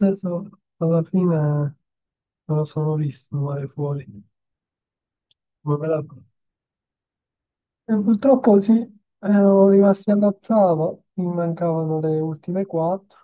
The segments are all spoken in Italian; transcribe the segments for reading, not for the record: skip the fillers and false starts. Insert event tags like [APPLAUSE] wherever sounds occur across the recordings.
Adesso alla fine non lo sono visto male fuori. Come me la- E purtroppo sì, erano rimasti all'ottavo, mi mancavano le ultime quattro,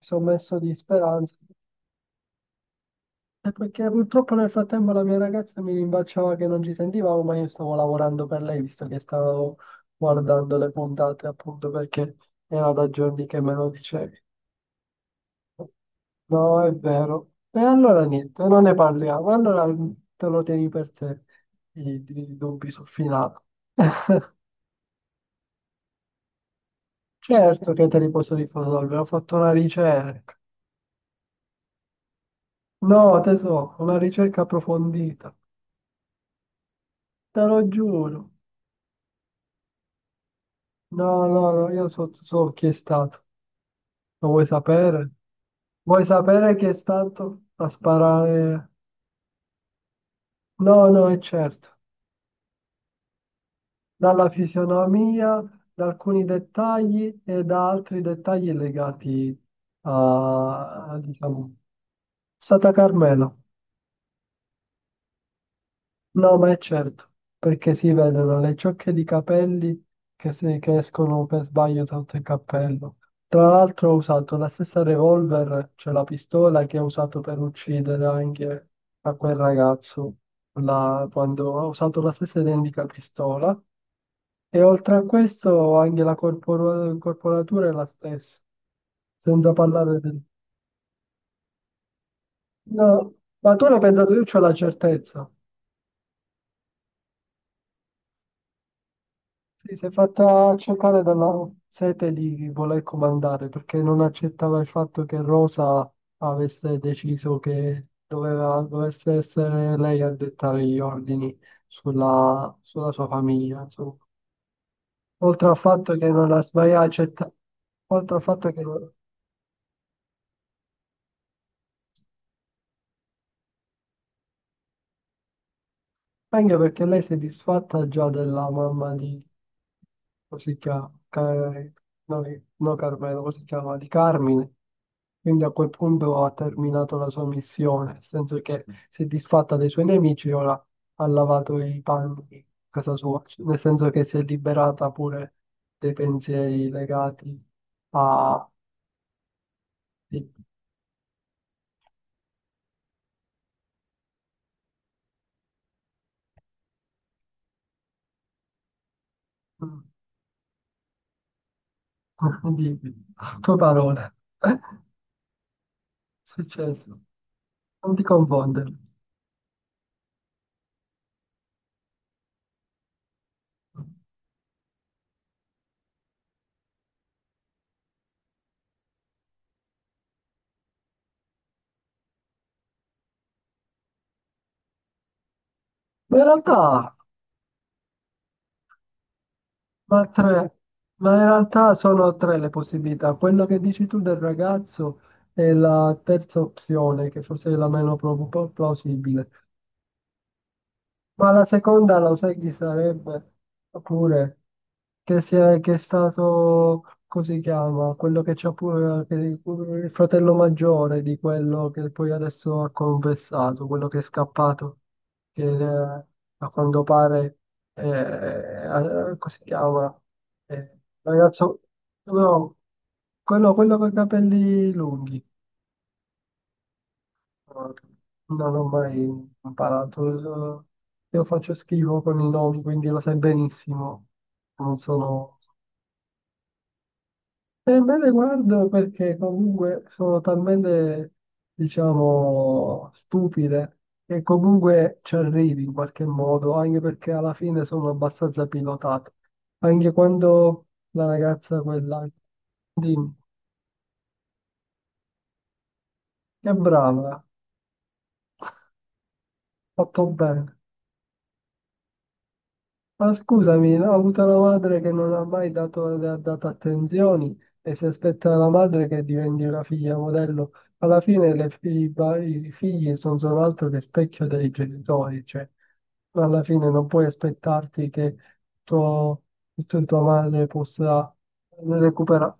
mi sono messo di speranza. E perché purtroppo nel frattempo la mia ragazza mi rimbalciava che non ci sentivamo, ma io stavo lavorando per lei, visto che stavo guardando le puntate appunto perché era da giorni che me lo dicevi. No, è vero. E allora niente, non ne parliamo. Allora te lo tieni per te i dubbi sul finale. [LAUGHS] Certo che te li posso risolvere, ho fatto una ricerca. No, tesoro, una ricerca approfondita. Te lo giuro. No, no, no, io so chi è stato. Lo vuoi sapere? Vuoi sapere chi è stato a sparare? No, no, è certo. Dalla fisionomia, da alcuni dettagli e da altri dettagli legati diciamo, Santa Carmela. No, ma è certo, perché si vedono le ciocche di capelli che, se- che escono per sbaglio sotto il cappello. Tra l'altro ho usato la stessa revolver, cioè la pistola che ho usato per uccidere anche a quel ragazzo, quando ho usato la stessa identica pistola. E oltre a questo anche la corporatura è la stessa, senza parlare del... No, ma tu l'hai pensato, io ho la certezza. Sì, si è fatta accecare dalla sete di voler comandare perché non accettava il fatto che Rosa avesse deciso che dovesse essere lei a dettare gli ordini sulla sua famiglia, insomma. Oltre al fatto che non la sbagliava, accetta... oltre al fatto che non- Anche perché lei si è disfatta già della mamma di, come si chiama, Ca- no, no, Carmelo, come si chiama, di Carmine. Quindi a quel punto ha terminato la sua missione, nel senso che si è disfatta dei suoi nemici e ora ha lavato i panni in casa sua. Cioè, nel senso che si è liberata pure dei pensieri legati a... di... [LAUGHS] di... a tue parole. [LAUGHS] È successo. Non ti confondere. Ma in realtà, ma tre, ma in realtà sono tre le possibilità. Quello che dici tu del ragazzo è la terza opzione, che forse è la meno plausibile. Ma la seconda lo sai chi sarebbe? Oppure che è stato, come si chiama? Quello che c'ha pure il fratello maggiore di quello che poi adesso ha confessato, quello che è scappato, che a quanto pare, come si chiama? Ragazzo, no, quello con i capelli lunghi. No, non ho mai imparato. Io faccio schifo con i nomi, quindi lo sai benissimo. Non sono... E me le guardo perché comunque sono talmente, diciamo, stupide che comunque ci arrivi in qualche modo, anche perché alla fine sono abbastanza pilotate. Anche quando la ragazza quella... Dimmi, che brava, fatto bene. Ma scusami, no, ho avuto una madre che non ha mai dato, le ha dato attenzioni e si aspetta la madre che diventi una figlia modello. Alla fine le fi- i ba- i figli non sono altro che specchio dei genitori, cioè alla fine non puoi aspettarti che tuo, tua madre possa recuperare.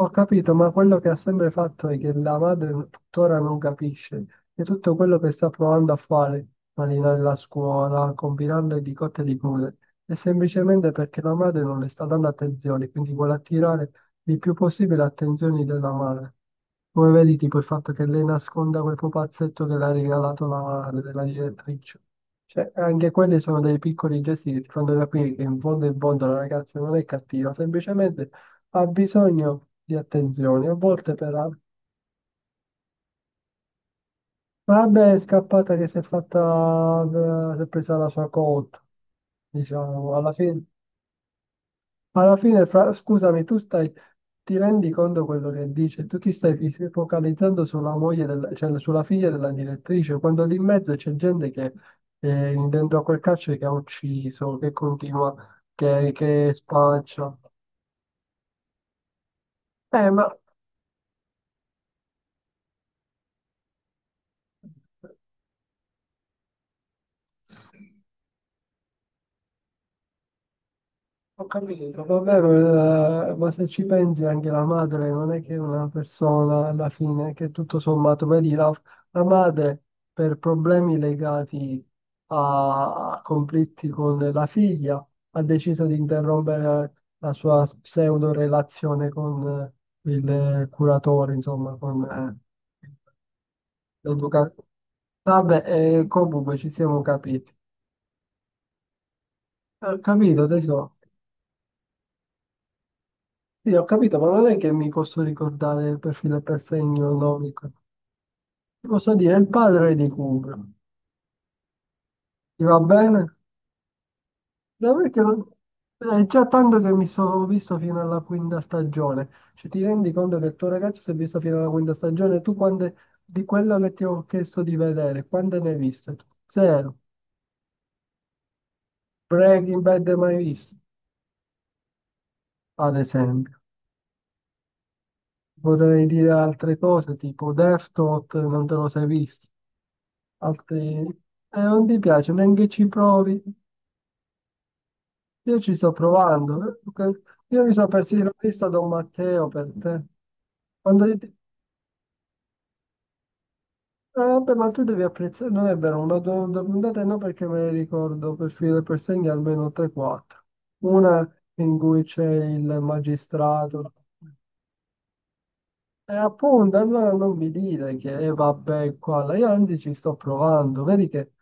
Ho capito, ma quello che ha sempre fatto è che la madre tuttora non capisce che tutto quello che sta provando a fare, malinare la scuola, combinarle di cotte e di crude, è semplicemente perché la madre non le sta dando attenzione, quindi vuole attirare il più possibile attenzioni della madre. Come vedi, tipo il fatto che lei nasconda quel pupazzetto che le ha regalato la madre della direttrice. Cioè, anche quelli sono dei piccoli gesti che ti fanno capire che in fondo la ragazza non è cattiva, semplicemente ha bisogno di attenzione, a volte però. Vabbè, è scappata che si è fatta, si è presa la sua cotta, diciamo, alla fine, scusami, ti rendi conto quello che dice, tu ti stai focalizzando sulla moglie, cioè sulla figlia della direttrice, quando lì in mezzo c'è gente che dentro a quel carcere che ha ucciso, che continua, che spaccia. Ma... Ho capito, vabbè, ma se ci pensi anche la madre non è che è una persona alla fine, che tutto sommato, vedi, la madre per problemi legati a conflitti con la figlia ha deciso di interrompere la sua pseudo relazione con il curatore, insomma, con l'educatore. Vabbè, comunque ci siamo capiti. Ho capito, tesoro. Sì, ho capito, ma non è che mi posso ricordare per filo e per segno il nome. Ti posso dire il padre di Cubro. Ti va bene? No, perché non- È già tanto che mi sono visto fino alla quinta stagione. Cioè, ti rendi conto che il tuo ragazzo si è visto fino alla quinta stagione? Tu quante di quello che ti ho chiesto di vedere, quante ne hai viste? Tu? Zero. Breaking Bad mai visto, ad esempio. Potrei dire altre cose tipo Death Note, non te lo sei visto. Altri... non ti piace, neanche ci provi. Io ci sto provando. Ok? Io mi sono persino vista Don Matteo per te. Quando io ti- eh, Vabbè, ma tu devi apprezzare, non è vero, una due puntate no perché me le ricordo per filo per segno almeno 3-4. Una in cui c'è il magistrato. E appunto, allora non mi dire che vabbè, qua, là. Io anzi ci sto provando. Vedi che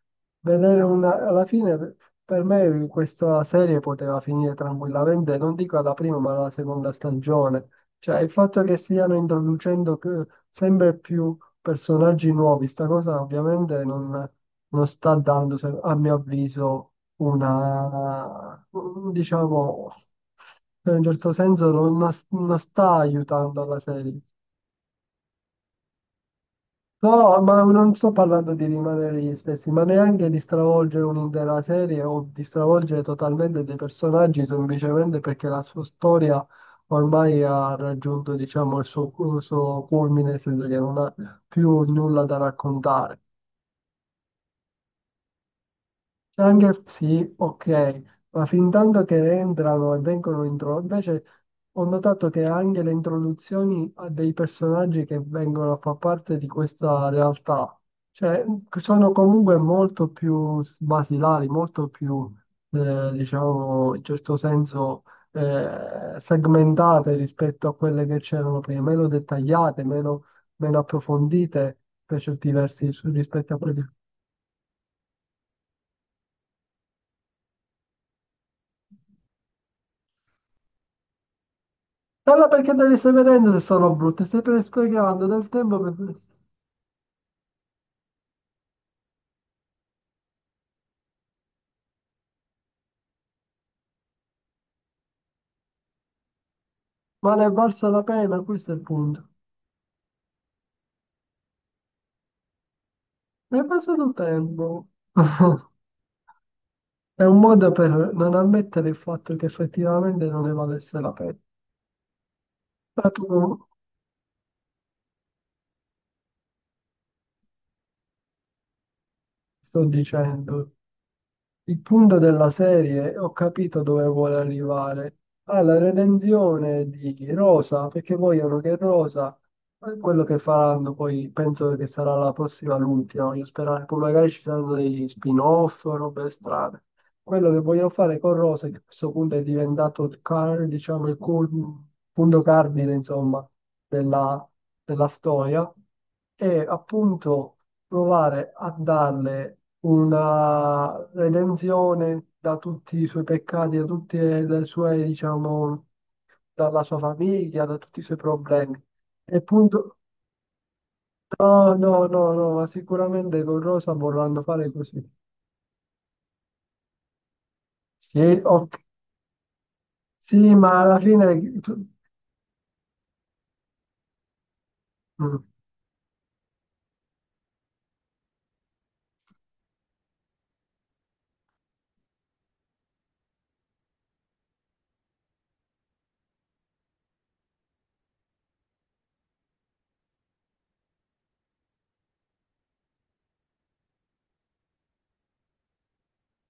vedere una... Alla fine per me questa serie poteva finire tranquillamente, non dico alla prima, ma alla seconda stagione. Cioè, il fatto che stiano introducendo sempre più personaggi nuovi, sta cosa ovviamente non sta dando, a mio avviso, una, diciamo, in un certo senso non sta aiutando la serie. No, ma non sto parlando di rimanere gli stessi, ma neanche di stravolgere un'intera serie o di stravolgere totalmente dei personaggi semplicemente perché la sua storia ormai ha raggiunto, diciamo, il suo culmine, nel senso che non ha più nulla da raccontare. Anche sì, ok, ma fin tanto che entrano e vengono intro... Invece ho notato che anche le introduzioni a dei personaggi che vengono a far parte di questa realtà, cioè sono comunque molto più basilari, molto più, diciamo, in certo senso segmentate rispetto a quelle che c'erano prima, meno dettagliate, meno approfondite per certi versi rispetto a quelle. Allora perché te le stai vedendo se sono brutte? Stai sprecando del tempo per... Ma ne è valsa la pena, questo è il punto. Ne è passato tempo. [LAUGHS] È un modo per non ammettere il fatto che effettivamente non ne valesse la pena. Ma tu, sto dicendo, il punto della serie, ho capito dove vuole arrivare, alla redenzione di Rosa, perché vogliono che Rosa, quello che faranno poi, penso che sarà la prossima, l'ultima, voglio sperare, poi magari ci saranno degli spin-off, robe strane. Quello che vogliono fare con Rosa, che a questo punto è diventato diciamo, punto cardine, insomma, della della storia, è appunto provare a darle una redenzione da tutti i suoi peccati, da tutte le sue, diciamo, dalla sua famiglia, da tutti i suoi problemi. E punto. No, no, no, no, ma sicuramente con Rosa vorranno fare così. Sì, ok. Sì, ma alla fine... Mm.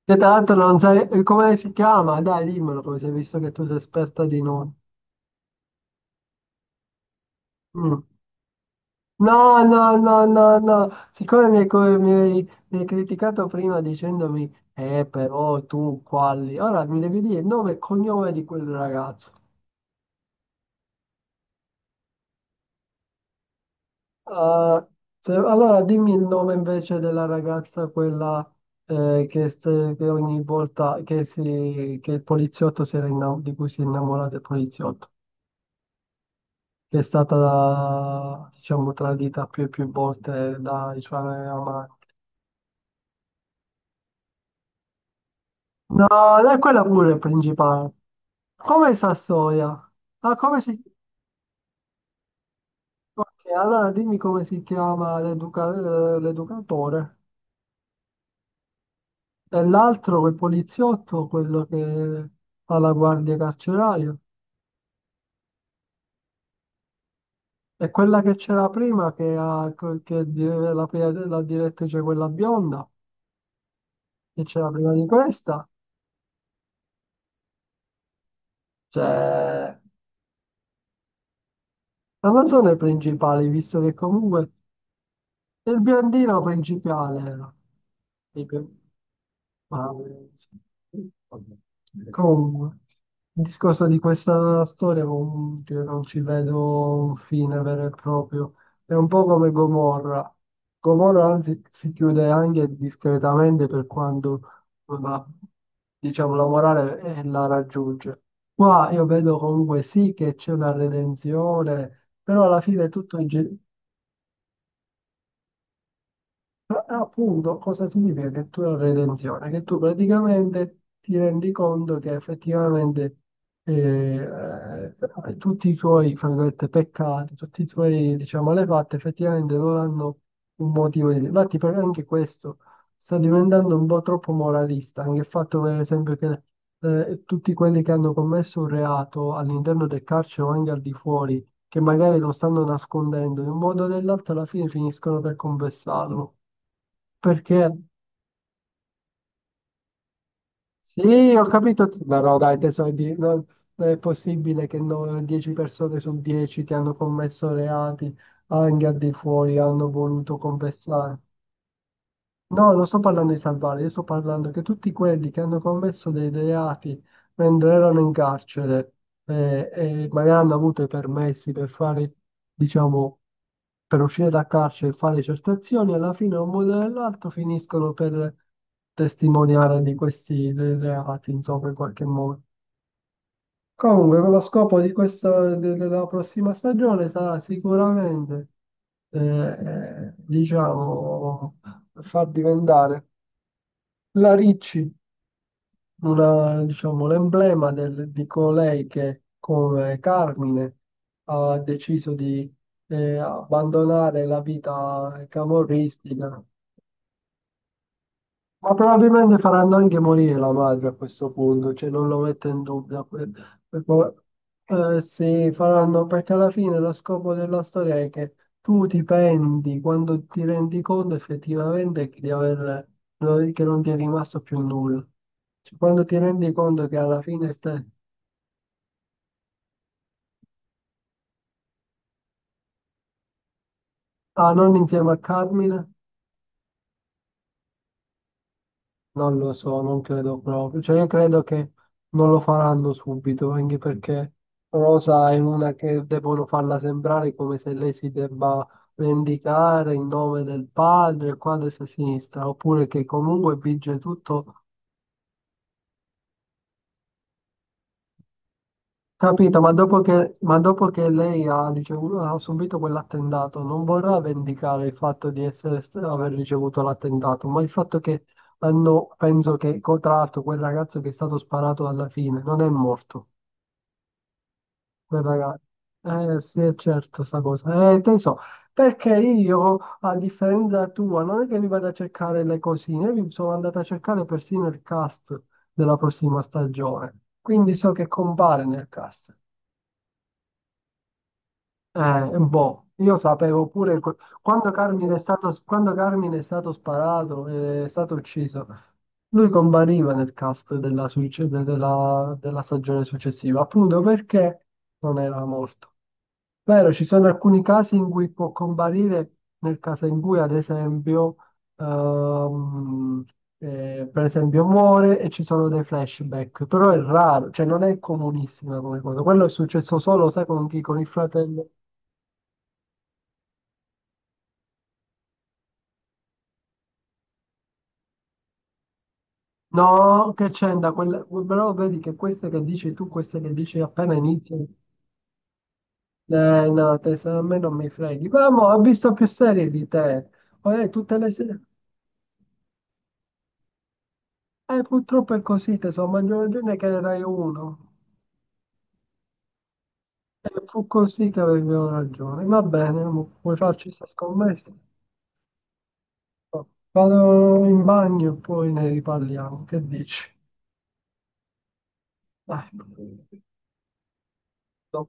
Che tra l'altro non sai come si chiama, dai, dimmelo, poi sei visto che tu sei esperta di nomi. Mm. No, no, no, no, no, siccome mi hai, co- mi hai criticato prima dicendomi, però tu quali, ora mi devi dire il nome e cognome di quel ragazzo. Ah, allora dimmi il nome invece della ragazza, quella che ogni volta che il poliziotto si era di cui si è innamorato il poliziotto, che è stata, diciamo, tradita più e più volte dai suoi amanti. No, è quella pure è principale. Come Sassoia? Ah, come si... Ok, allora dimmi come si chiama l'educatore. E l'altro, quel poliziotto, quello che fa la guardia carceraria. E quella che c'era prima, che, ha, che è di- la, prima- la direttrice, quella bionda, che c'era prima di questa. Cioè, non sono i principali, visto che comunque... Il biondino principale era. Il bio- ma- Comunque, il discorso di questa storia comunque io non ci vedo un fine vero e proprio. È un po' come Gomorra. Gomorra anzi si chiude anche discretamente per quando la, diciamo, la morale la raggiunge. Qua io vedo comunque sì che c'è una redenzione, però alla fine tutto è ma appunto, cosa significa che tu hai una redenzione? Che tu praticamente ti rendi conto che effettivamente eh, tutti i tuoi, fra virgolette, peccati, tutti i tuoi, diciamo, malefatte, effettivamente non hanno un motivo di... Infatti, per me anche questo sta diventando un po' troppo moralista, anche il fatto, per esempio, che tutti quelli che hanno commesso un reato all'interno del carcere o anche al di fuori, che magari lo stanno nascondendo, in un modo o nell'altro alla fine finiscono per confessarlo. Perché? Sì, ho capito. No, no, dai, tesoro, non è possibile che no- 10 persone su 10 che hanno commesso reati anche al di fuori hanno voluto confessare. No, non sto parlando di salvare, io sto parlando che tutti quelli che hanno commesso dei reati mentre erano in carcere e magari hanno avuto i permessi per fare, diciamo, per uscire da carcere e fare certe azioni, alla fine un modo o nell'altro finiscono per testimoniare di questi reati, insomma, in qualche modo. Comunque, con lo scopo di questa, della prossima stagione sarà sicuramente, diciamo, far diventare la Ricci, una, diciamo, l'emblema di colei che, come Carmine, ha deciso di abbandonare la vita camorristica, ma probabilmente faranno anche morire la madre a questo punto, cioè non lo metto in dubbio. Per po- sì, faranno perché alla fine lo scopo della storia è che tu ti penti quando ti rendi conto effettivamente che di aver, no, che non ti è rimasto più nulla. Cioè, quando ti rendi conto che alla fine stai... Ah, non insieme a Carmine? Non lo so, non credo proprio. Cioè, io credo che non lo faranno subito, anche perché Rosa è una che devono farla sembrare come se lei si debba vendicare in nome del padre, il quale si sinistra, oppure che comunque vige tutto. Capito? Ma dopo che lei ha, ricevuto, ha subito quell'attentato, non vorrà vendicare il fatto di essere, aver ricevuto l'attentato, ma il fatto che hanno, penso che, tra l'altro, quel ragazzo che è stato sparato alla fine non è morto. Raga, sì, è certo sta cosa. Te so, perché io, a differenza tua, non è che mi vado a cercare le cosine, mi sono andato a cercare persino il cast della prossima stagione. Quindi so che compare nel cast. Boh, io sapevo pure quando quando Carmine è stato sparato, è stato ucciso, lui compariva nel cast della, della stagione successiva, appunto perché non era morto. Vero, ci sono alcuni casi in cui può comparire, nel caso in cui ad esempio, ehm, per esempio muore e ci sono dei flashback, però è raro, cioè non è comunissima come cosa. Quello è successo solo, sai, con chi? Con il fratello. No, che c'entra, però vedi che queste che dici tu, queste che dici appena iniziano, no, te, a me non mi freghi. Ma mo, ho visto più serie di te, tutte le serie, purtroppo è così, te so, ma non è che ne Rai uno. E fu così che avevo ragione. Va bene, mo, vuoi farci questa scommessa? No. Vado in bagno e poi ne riparliamo. Che dici? Dai. No.